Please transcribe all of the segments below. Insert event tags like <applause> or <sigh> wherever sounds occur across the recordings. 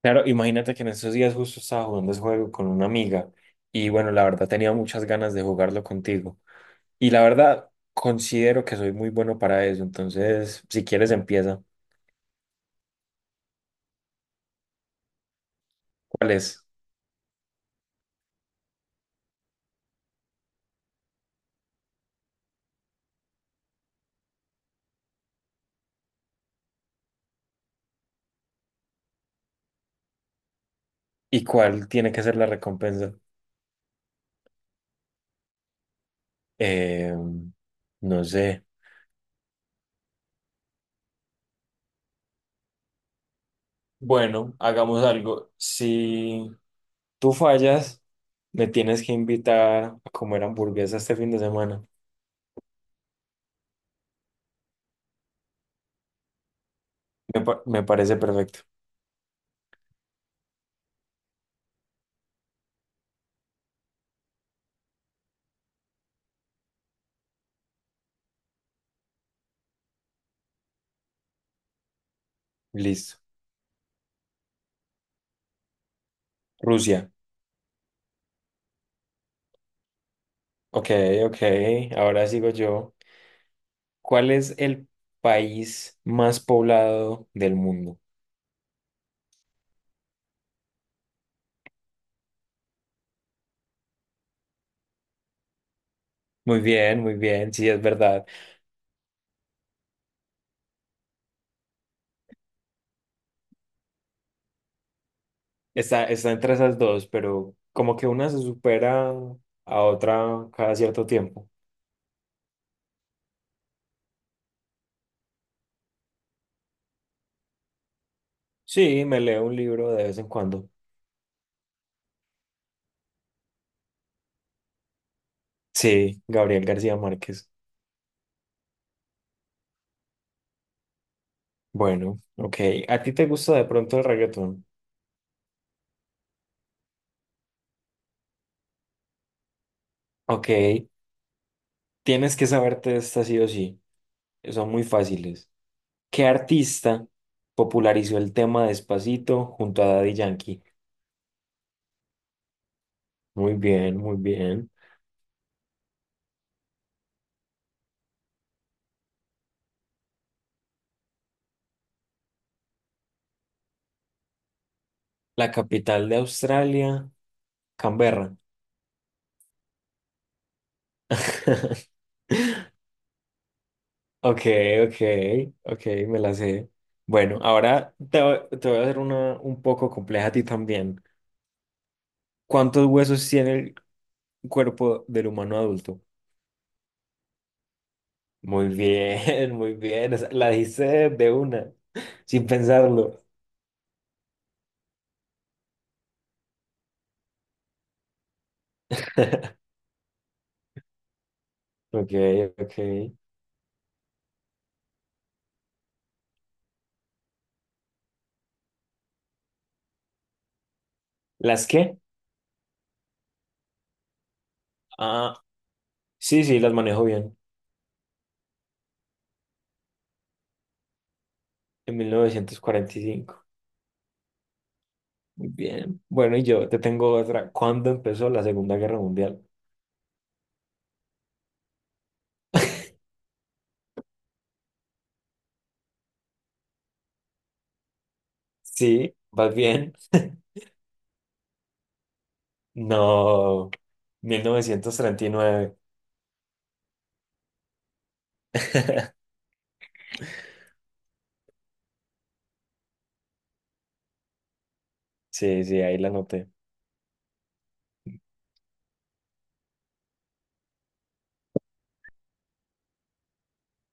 Claro, imagínate que en esos días justo estaba jugando ese juego con una amiga y bueno, la verdad tenía muchas ganas de jugarlo contigo. Y la verdad considero que soy muy bueno para eso, entonces si quieres empieza. ¿Cuál es? ¿Y cuál tiene que ser la recompensa? Eh, no sé. Bueno, hagamos algo. Si tú fallas, me tienes que invitar a comer hamburguesa este fin de semana. Me parece perfecto. Listo. Rusia. Ok, ok. Ahora sigo yo. ¿Cuál es el país más poblado del mundo? Muy bien, sí, es verdad. Está entre esas dos, pero como que una se supera a otra cada cierto tiempo. Sí, me leo un libro de vez en cuando. Sí, Gabriel García Márquez. Bueno, ok. ¿A ti te gusta de pronto el reggaetón? Ok, tienes que saberte esta sí o sí. Son muy fáciles. ¿Qué artista popularizó el tema Despacito junto a Daddy Yankee? Muy bien, muy bien. La capital de Australia, Canberra. <laughs> Ok, ok, ok, me la sé. Bueno, ahora te voy a hacer una un poco compleja a ti también. ¿Cuántos huesos tiene el cuerpo del humano adulto? Muy bien, <laughs> muy bien. La dijiste de una, sin pensarlo. <laughs> Ok, ok. ¿Las qué? Ah, sí, sí, las manejo bien. En 1945. Muy bien. Bueno, y yo te tengo otra. ¿Cuándo empezó la Segunda Guerra Mundial? <laughs> Sí, vas bien. <laughs> No, 1939. <laughs> Sí, sí, ahí la noté.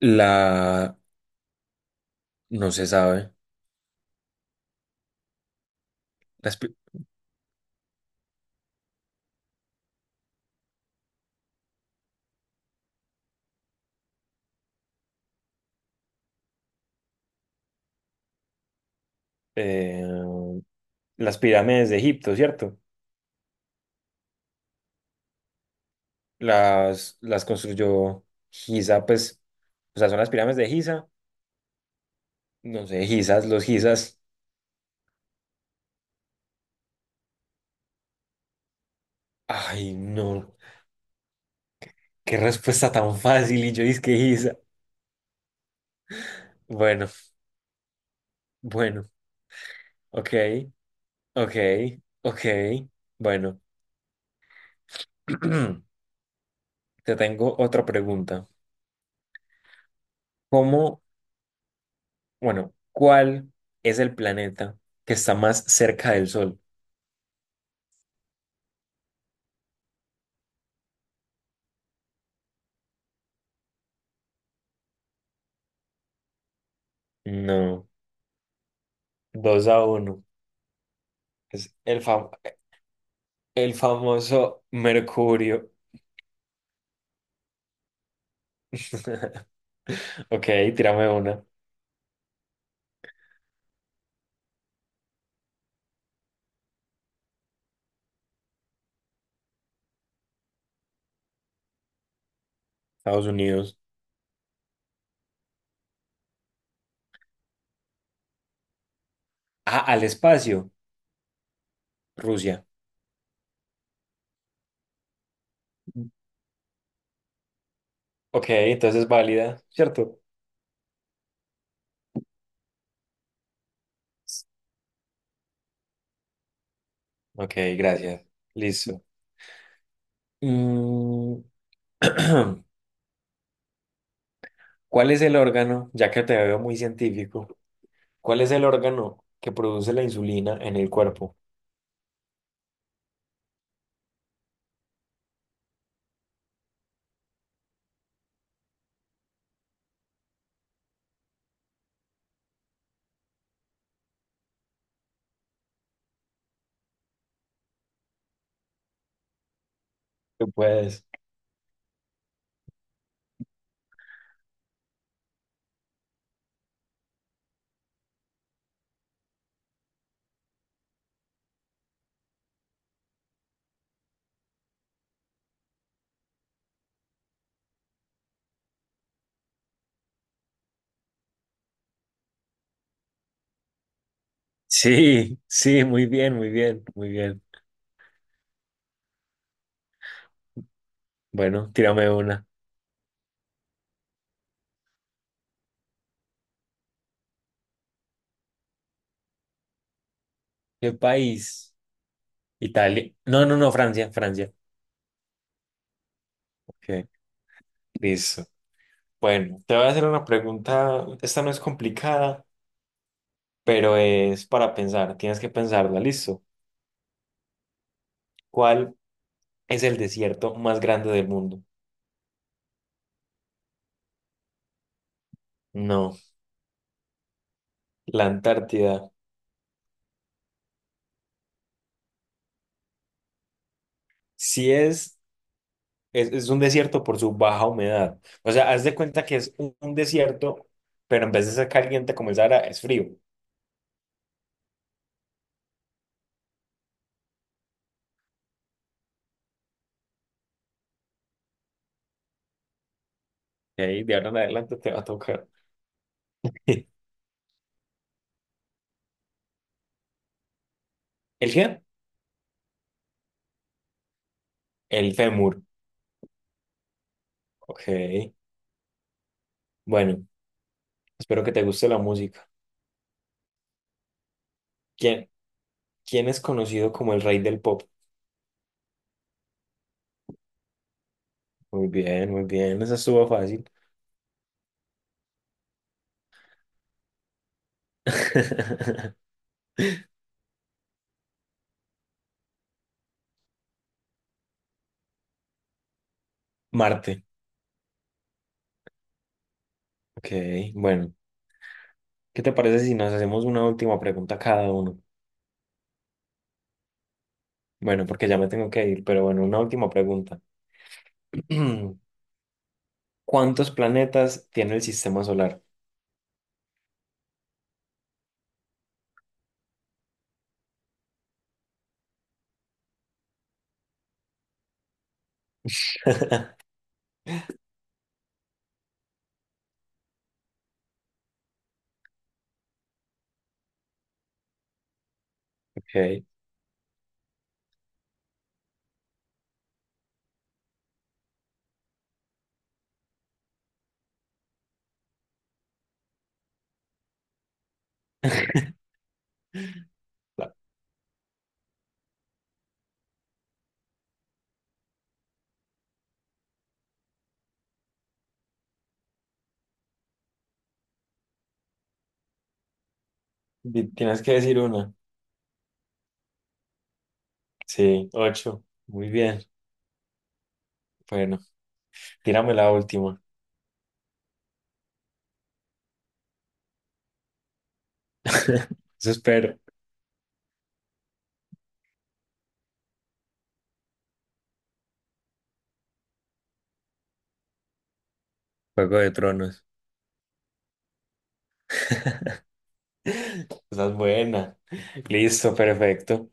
La... No se sabe. Las, pi- eh, las pirámides de Egipto, ¿cierto? Las construyó Giza, pues, o sea, son las pirámides de Giza. No sé, Gizas, los Gizas. Ay, no, qué respuesta tan fácil y yo dije que Giza. Bueno, bueno. Ok, ok, ok. Bueno, <clears throat> te tengo otra pregunta. ¿Cómo, bueno, ¿cuál es el planeta que está más cerca del Sol? No, 2-1. Es el famoso Mercurio. <laughs> Ok, tírame una. Estados Unidos. Ah, al espacio. Rusia. Ok, entonces es válida, ¿cierto? Ok, gracias. Listo. Mm, <clears throat> ¿Cuál es el órgano, ya que te veo muy científico, cuál es el órgano que produce la insulina en el cuerpo? Tú puedes. Sí, sí, muy bien, muy bien, muy bien. Bueno, tírame una. ¿Qué país? Italia. No, no, no, Francia, Francia. Ok. Listo. Bueno, te voy a hacer una pregunta. Esta no es complicada, pero es para pensar. Tienes que pensarla. Listo. ¿Cuál es el desierto más grande del mundo? No, la Antártida. Si es es un desierto por su baja humedad. O sea, haz de cuenta que es un desierto, pero en vez de ser caliente como es ahora, es frío. Y ahí de ahora en adelante te va a tocar. <laughs> ¿El qué? El fémur. Ok. Bueno, espero que te guste la música. ¿Quién, quién es conocido como el rey del pop? Muy bien, muy bien. Esa estuvo fácil. <laughs> Marte. Ok, bueno. ¿Qué te parece si nos hacemos una última pregunta cada uno? Bueno, porque ya me tengo que ir, pero bueno, una última pregunta. <clears throat> ¿Cuántos planetas tiene el sistema solar? Ok. <laughs> La- Tienes que decir una. Sí, ocho. Muy bien. Bueno, tírame la última. <laughs> Eso espero. Juego de Tronos. <laughs> Esa es buena. Listo, perfecto.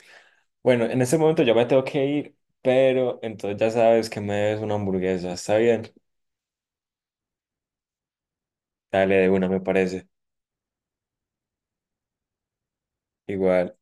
Bueno, en este momento yo me tengo que ir, pero entonces ya sabes que me debes una hamburguesa. Está bien. Dale de una, me parece. Igual.